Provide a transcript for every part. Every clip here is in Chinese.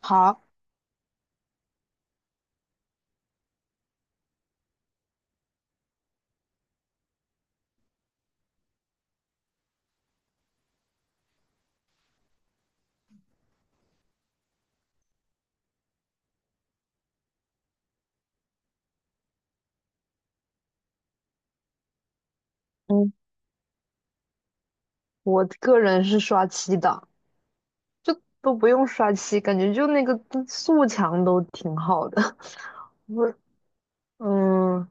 好，嗯，我个人是刷漆的，就都不用刷漆，感觉就那个素墙都挺好的。不是，嗯，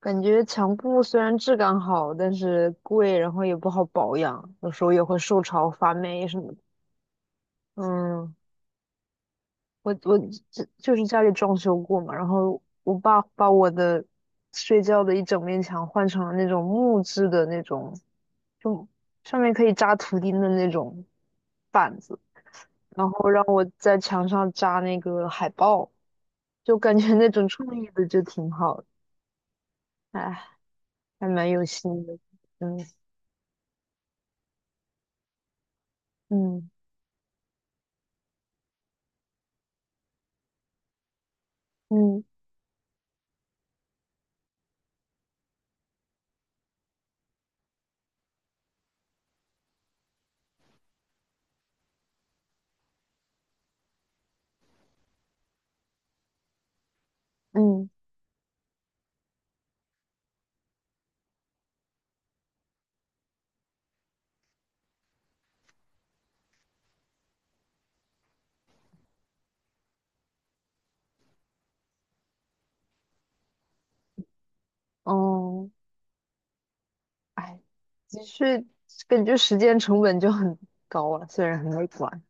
感觉墙布虽然质感好，但是贵，然后也不好保养，有时候也会受潮发霉什么的。嗯，我就是家里装修过嘛，然后我爸把我的睡觉的一整面墙换成了那种木质的那种，就上面可以扎图钉的那种板子。然后让我在墙上扎那个海报，就感觉那种创意的就挺好的，哎，还蛮有心的，嗯嗯嗯嗯哦，哎，的确感觉时间成本就很高了，虽然很美观，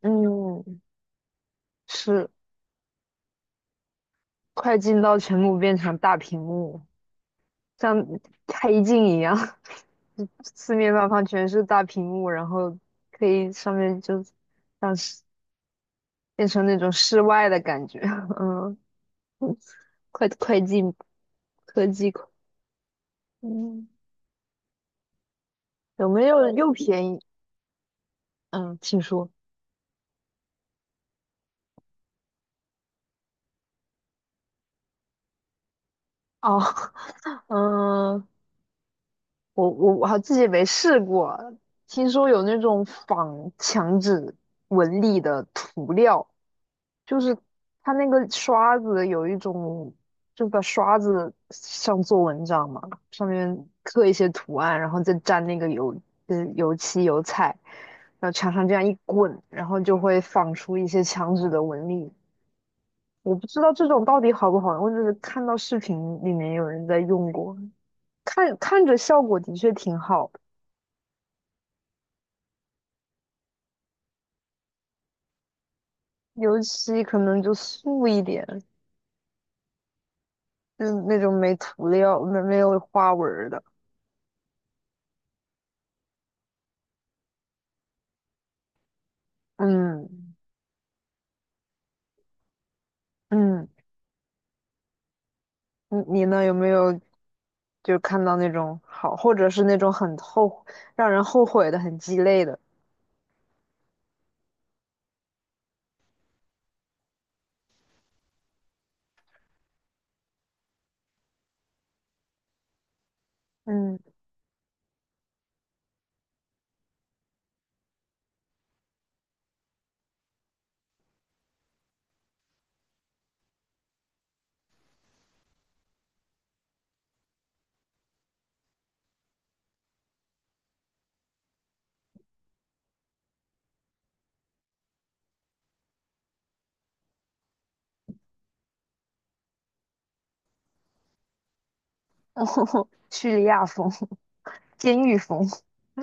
嗯，是快进到全部变成大屏幕，像开镜一样，四面八方全是大屏幕，然后可以上面就像是变成那种室外的感觉，嗯。快进科技款，嗯，有没有又便宜？嗯，请说。哦，嗯，我还自己没试过，听说有那种仿墙纸纹理的涂料，就是它那个刷子有一种，就把刷子上做文章嘛，上面刻一些图案，然后再沾那个油，油漆油彩，然后墙上这样一滚，然后就会仿出一些墙纸的纹理。我不知道这种到底好不好用，我只是看到视频里面有人在用过，看看着效果的确挺好的，尤其可能就素一点，就是那种没涂料、没有花纹儿的。嗯嗯，你呢？有没有就看到那种好，或者是那种很后让人后悔的、很鸡肋的？嗯，叙利亚风、监狱风，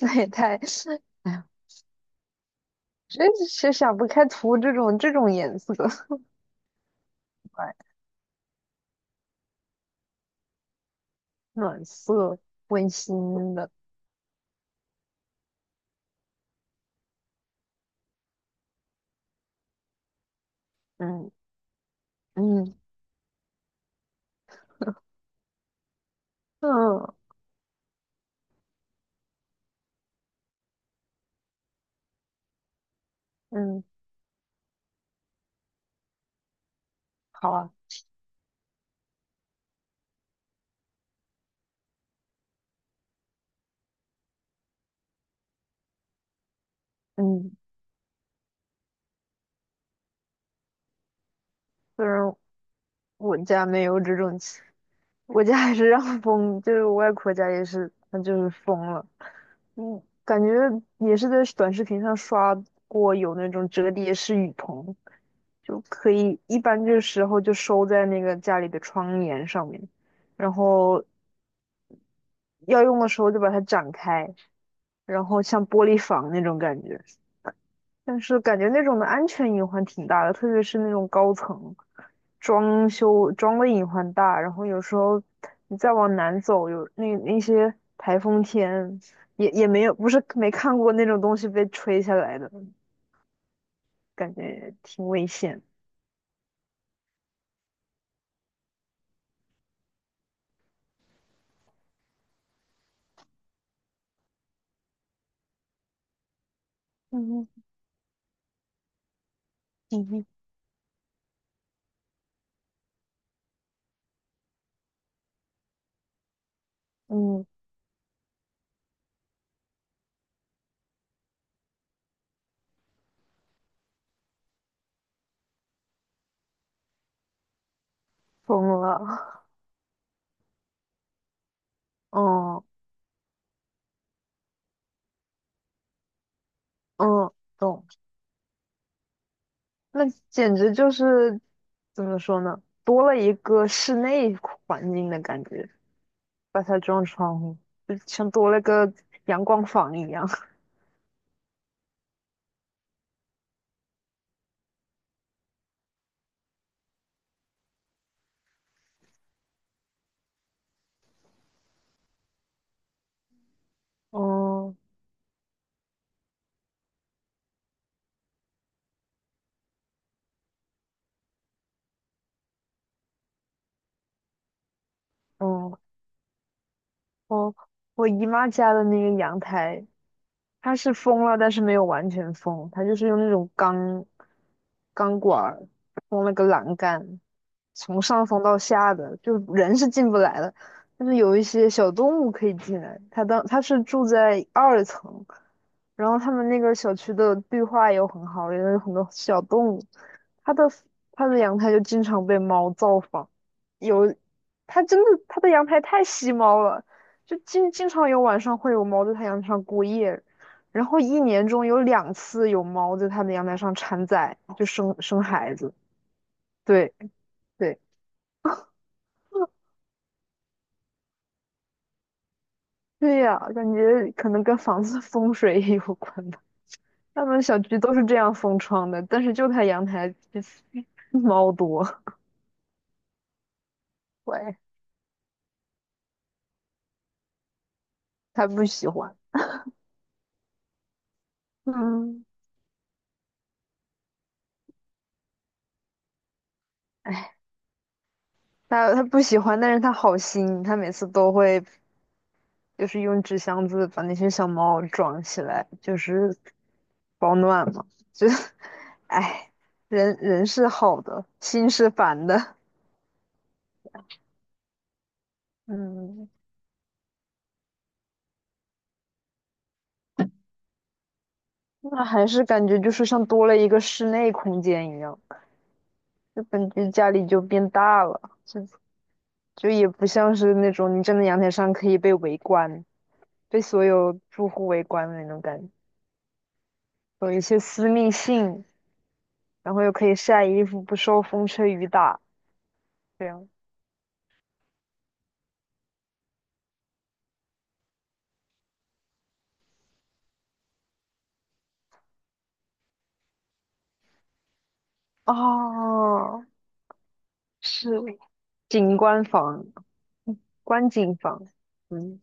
那也太……哎呀，真是想不开涂这种颜色。暖色温馨的，嗯嗯嗯嗯，好啊，嗯，虽然我家没有这种情我家还是让封，就是我外婆家也是，那就是封了，嗯，感觉也是在短视频上刷过有那种折叠式雨棚，就可以一般这时候就收在那个家里的窗帘上面，然后要用的时候就把它展开，然后像玻璃房那种感觉。但是感觉那种的安全隐患挺大的，特别是那种高层装修装的隐患大，然后有时候你再往南走，有那些台风天也没有，不是没看过那种东西被吹下来的，感觉挺危险。嗯嗯哼嗯，疯了，嗯嗯，懂。那简直就是怎么说呢，多了一个室内环境的感觉。把它装窗户，就像多了个阳光房一样。哦哦，我我姨妈家的那个阳台，它是封了，但是没有完全封，它就是用那种钢管儿封了个栏杆，从上缝到下的，就人是进不来的，但是有一些小动物可以进来。它当它是住在二层，然后他们那个小区的绿化又很好，也有很多小动物。它的它的阳台就经常被猫造访，有它真的它的阳台太吸猫了，就经常有晚上会有猫在它阳台上过夜。然后一年中有两次有猫在它的阳台上产崽，就生孩子。对对。对呀，感觉可能跟房子风水也有关吧。他们小区都是这样封窗的，但是就他阳台 猫多，喂，他不喜欢。嗯，哎，他不喜欢，但是他好心，他每次都会就是用纸箱子把那些小猫装起来，就是保暖嘛。就，哎，人人是好的，心是烦的。嗯，那还是感觉就是像多了一个室内空间一样。这本就感觉家里就变大了，就就也不像是那种你站在阳台上可以被围观，被所有住户围观的那种感觉，有一些私密性，然后又可以晒衣服，不受风吹雨打，这样。哦，是景观房、观景房，嗯。